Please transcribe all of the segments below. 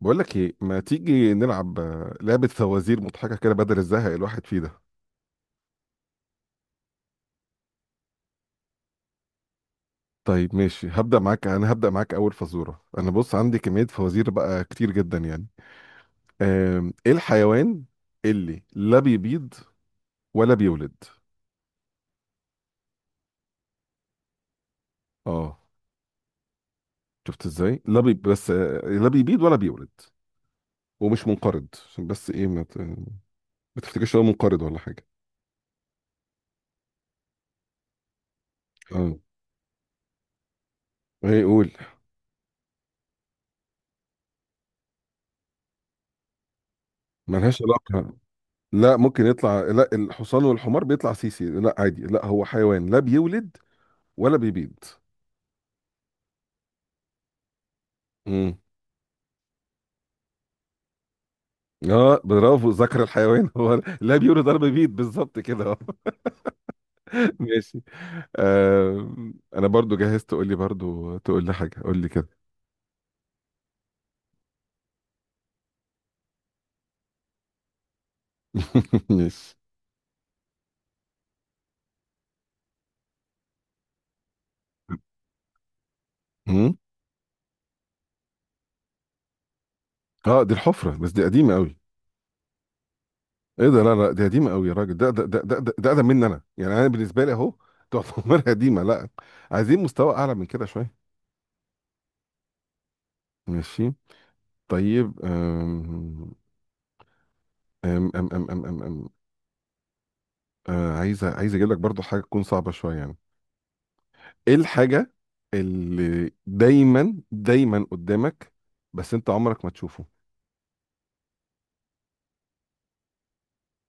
بقول لك ايه، ما تيجي نلعب لعبة فوازير مضحكة كده بدل الزهق الواحد فيه ده؟ طيب ماشي، هبدأ معاك. اول فزورة، انا بص عندي كمية فوازير بقى كتير جدا يعني. ايه الحيوان اللي لا بيبيض ولا بيولد؟ اه، شفت ازاي؟ لا بي بس آه، لا بيبيض ولا بيولد، ومش منقرض عشان بس ايه، ما تفتكرش إن هو منقرض ولا حاجة. اه، ايه قول. ملهاش علاقة. لا، ممكن يطلع؟ لا، الحصان والحمار بيطلع سيسي، لا عادي، لا هو حيوان لا بيولد ولا بيبيض. امم، اه برافو، ذكر الحيوان هو لا بيولد ولا بيبيض بالظبط كده آه. ماشي. آه، انا برضو جهزت. تقول لي برضو، تقول لي حاجه قول لي كده. ماشي. مم. اه دي الحفره، بس دي قديمه قوي. ايه ده، لا لا، دي قديمه قوي يا راجل، ده اقدم مني انا يعني. انا بالنسبه لي اهو تعتبر قديمه. لا، عايزين مستوى اعلى من كده شويه. ماشي. طيب أم أم أم أم أم أم أم. آه، عايز اجيب لك برضو حاجه تكون صعبه شويه يعني. ايه الحاجه اللي دايما قدامك بس انت عمرك ما تشوفه؟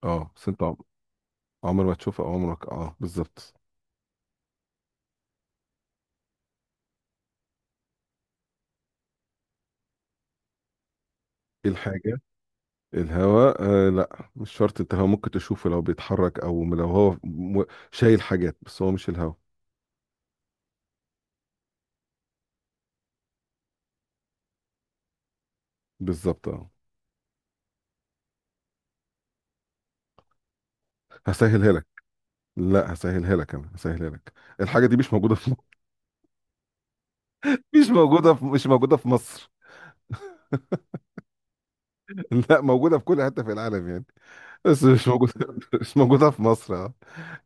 اه، عمر ما تشوفه او عمرك، اه بالظبط. ايه الحاجه؟ الهواء؟ آه لا، مش شرط، انت هو ممكن تشوفه لو بيتحرك او لو هو شايل حاجات، بس هو مش الهواء. بالظبط اه. هسهلها لك. لا هسهلها لك، الحاجه دي مش موجوده في مصر. مش موجوده في مصر. لا، موجودة في كل حتة في العالم يعني، بس مش موجودة مش موجودة في مصر اه.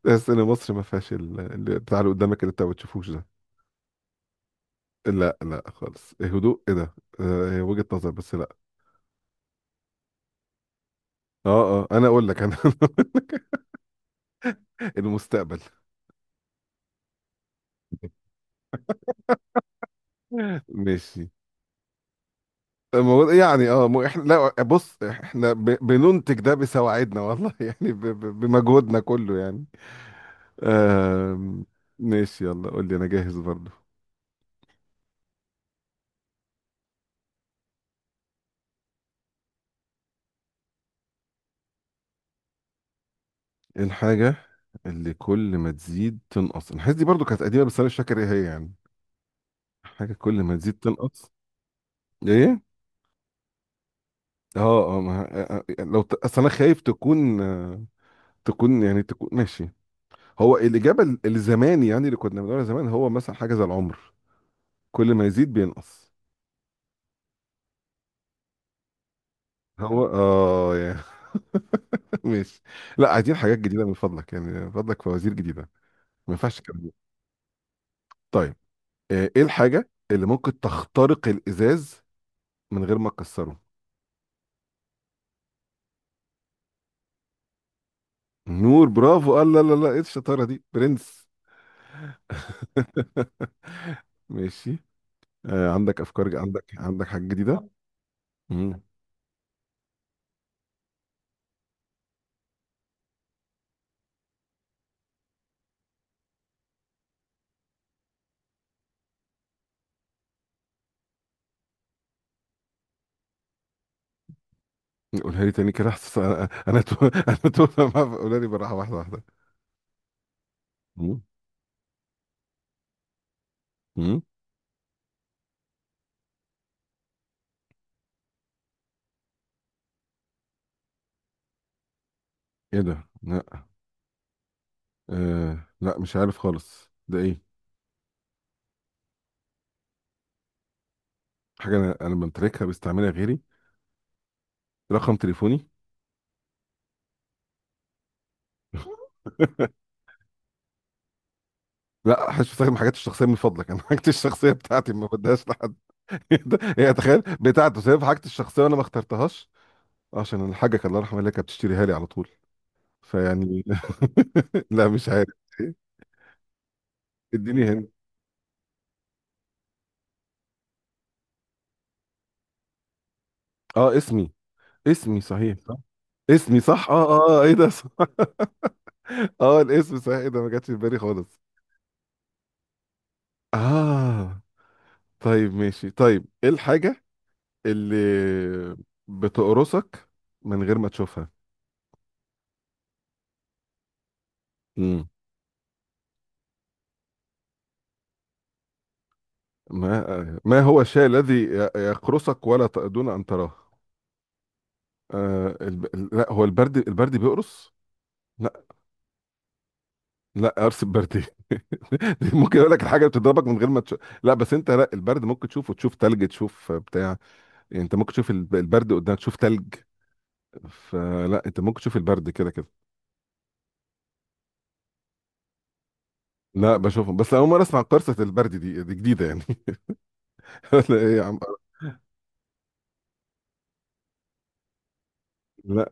تحس ان مصر ما فيهاش اللي بتاع، اللي قدامك اللي انت ما بتشوفوش ده. لا لا خالص، إيه هدوء؟ ايه ده؟ آه، هي وجهة نظر بس لا. اه اه، انا اقول لك انا المستقبل. ماشي. يعني اه، احنا لا بص، احنا بننتج ده بسواعدنا والله يعني بمجهودنا كله يعني. آم، ماشي، يلا قول لي انا جاهز برضو. إيه الحاجة اللي كل ما تزيد تنقص؟ الحاجات دي برضو كانت قديمة، بس انا مش فاكر ايه هي يعني. حاجة كل ما تزيد تنقص، ايه؟ اه اه، ما آه، آه، اصل انا خايف تكون آه، تكون يعني، تكون ماشي. هو الإجابة الزمان يعني، اللي كنا بنقولها زمان، هو مثلا حاجة زي العمر كل ما يزيد بينقص. هو اه يعني ماشي. لا، عايزين حاجات جديدة من فضلك، يعني من فضلك فوازير جديدة. ما ينفعش الكلام ده. طيب آه، ايه الحاجة اللي ممكن تخترق الإزاز من غير ما تكسره؟ نور، برافو، قال لا لا لا، ايه الشطاره دي برنس! ماشي. آه، عندك افكار عندك حاجه جديده؟ مم. قولها لي تاني كده، حاسس انا قولها لي بالراحه، واحده واحده. مم. مم. ايه ده؟ لا آه لا، مش عارف خالص ده ايه. حاجه انا بمتلكها بستعملها غيري؟ رقم تليفوني؟ لا حش بستخدم حاجاتي الشخصيه من فضلك، انا حاجتي الشخصيه بتاعتي ما بديهاش لحد. إيه ده؟ هي تخيل بتاعته سايب حاجتي الشخصيه وانا ما اخترتهاش عشان الحاجة الله يرحمها اللي كانت بتشتريها لي على طول، فيعني لا مش عارف. إيه؟ اديني هنا. اه، اسمي. اسمي صحيح، صح. اسمي صح، اه اه آه، ايه ده صح. اه الاسم صحيح، ايه ده، ما جاتش في بالي خالص. اه طيب ماشي. طيب ايه الحاجة اللي بتقرصك من غير ما تشوفها؟ مم. ما ما هو الشيء الذي يقرصك دون ان تراه؟ آه لا هو البرد؟ البرد بيقرص؟ لا. لا قرص البرد، دي ممكن اقول لك الحاجه بتضربك من غير ما تشوف، لا بس انت لا، البرد ممكن تشوفه، تشوف تلج، تشوف بتاع، يعني انت ممكن تشوف البرد قدامك، تشوف تلج، فلا انت ممكن تشوف البرد كده كده. لا بشوفهم، بس اول مره اسمع قرصه البرد، دي دي جديده يعني. لا ايه يا عم. لا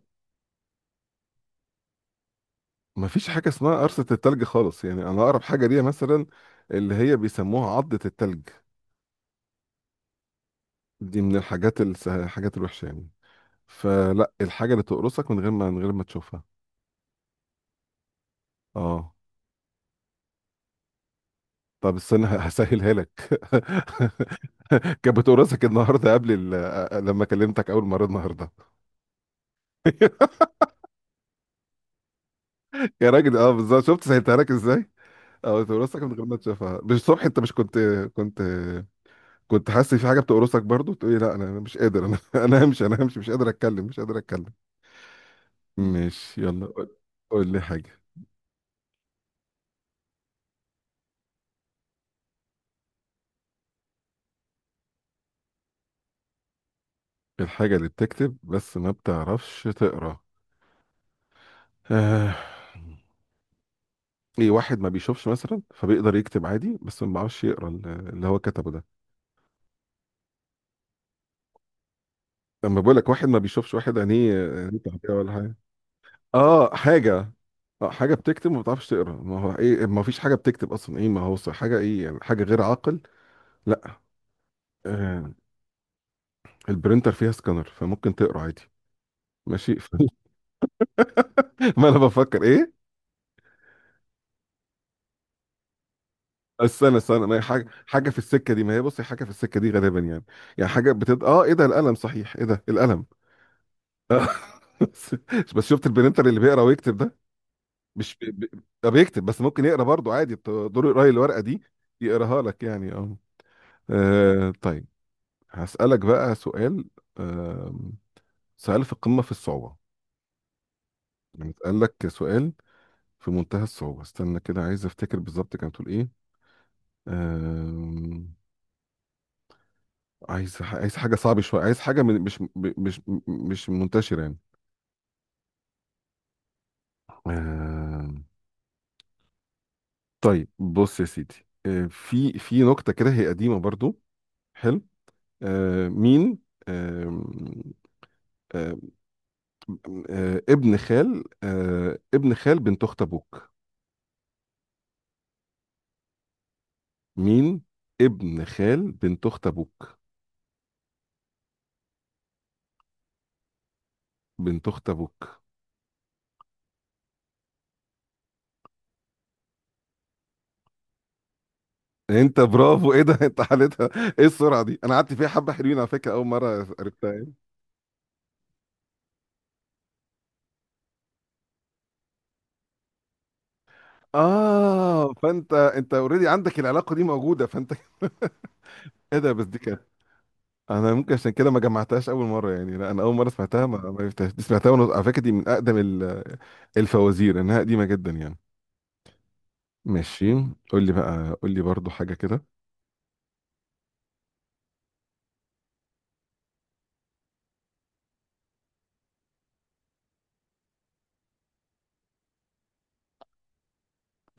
ما فيش حاجه اسمها قرصه التلج خالص، يعني انا اقرب حاجه ليها مثلا اللي هي بيسموها عضه التلج، دي من الحاجات الحاجات الوحشه يعني. فلا الحاجه اللي تقرصك من غير ما من غير ما تشوفها، اه. طب استنى هسهلها لك. كانت بتقرصك النهارده قبل لما كلمتك اول مره النهارده. يا راجل اه بالظبط، شفت سهلتها لك ازاي؟ اه بتقرصك من غير ما تشوفها، مش الصبح انت مش كنت، كنت كنت حاسس في حاجه بتقرصك برضو؟ تقولي لا انا مش قادر، انا انا همشي، مش قادر اتكلم، ماشي، يلا قول. قول لي حاجه. الحاجه اللي بتكتب بس ما بتعرفش تقرا؟ آه. ايه، واحد ما بيشوفش مثلا فبيقدر يكتب عادي بس ما بيعرفش يقرا اللي هو كتبه ده؟ لما بقول لك واحد ما بيشوفش، واحد عينيه تعبية ولا حاجه. اه حاجه، اه حاجه بتكتب وما بتعرفش تقرا، ما هو ايه، ما فيش حاجه بتكتب اصلا ايه، ما هو صح- حاجه، ايه يعني حاجه غير عاقل. لا آه، البرينتر فيها سكانر فممكن تقرا عادي. ماشي ما انا بفكر ايه. استنى ما هي حاجه، حاجه في السكه دي، ما هي بصي حاجه في السكه دي غالبا يعني، يعني حاجه بتد اه ايه ده، القلم صحيح، ايه ده القلم. بس شفت البرينتر اللي بيقرا ويكتب ده؟ مش ده بيكتب بس ممكن يقرا برضه عادي، دور يقرا الورقه دي، يقراها لك يعني اه. آه، طيب. هسألك بقى سؤال، آه سؤال في قمة في الصعوبة، يعني اتقال لك سؤال في منتهى الصعوبة. استنى كده، عايز افتكر بالظبط كانت بتقول ايه. آه، عايز حاجة صعبة شوية، عايز حاجة من مش منتشرة يعني. آه، طيب بص يا سيدي. آه في في نكتة كده هي قديمة برضو. حلو. آه مين. آه، ابن خال بنت اخت ابوك. مين؟ ابن خال بنت اخت ابوك. بنت اخت ابوك. انت، برافو، ايه ده، انت حالتها. ايه السرعه دي، انا قعدت فيها حبه، حلوين على فكره، اول مره عرفتها يعني. اه فانت، انت اوريدي عندك العلاقه دي موجوده، فانت ايه ده، بس دي كانت، انا ممكن عشان كده ما جمعتهاش اول مره يعني. لا انا اول مره سمعتها، ما عرفتهاش، دي سمعتها، وانا على فكره دي من اقدم الفوازير، انها قديمه جدا يعني. ماشي. قول لي بقى، قول لي برضو حاجه كده.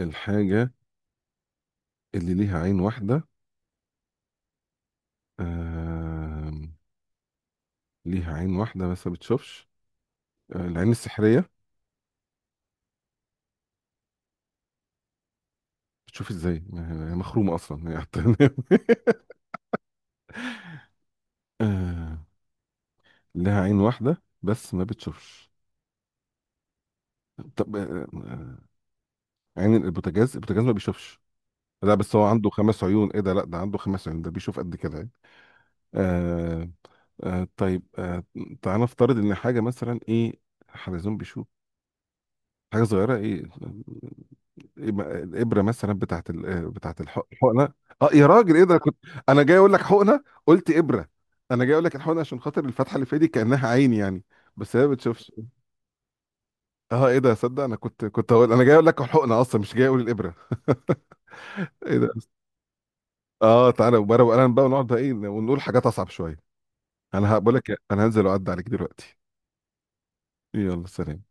الحاجة اللي ليها عين واحدة، آم، ليها عين واحدة بس ما بتشوفش. آه، العين السحرية؟ بتشوف ازاي، ما هي هي مخرومة اصلا هي حتى. آه، لها عين واحدة بس ما بتشوفش. طب آه، آه، عين البوتاجاز، البوتاجاز ما بيشوفش؟ لا بس هو عنده 5 عيون، ايه ده لا، ده عنده 5 عيون، ده بيشوف قد كده يعني. آه آه طيب آه. تعالى نفترض ان حاجة مثلا، ايه، حلزون بيشوف. حاجة صغيرة، ايه؟ يبقى الابره مثلا بتاعت آه، بتاعت الحقنه. اه يا راجل ايه ده كنت، انا جاي اقول لك حقنه قلت ابره، انا جاي اقول لك الحقنه عشان خاطر الفتحه اللي في ايدي كانها عين يعني، بس هي ما بتشوفش. اه ايه ده، صدق انا كنت، هقول، انا جاي اقول لك الحقنه اصلا، مش جاي اقول الابره. ايه ده. اه تعالى وبره وقلم بقى، ونقعد بقى ايه ونقول حاجات اصعب شويه. انا هقول لك إيه، انا هنزل واعدي عليك دلوقتي. يلا سلام.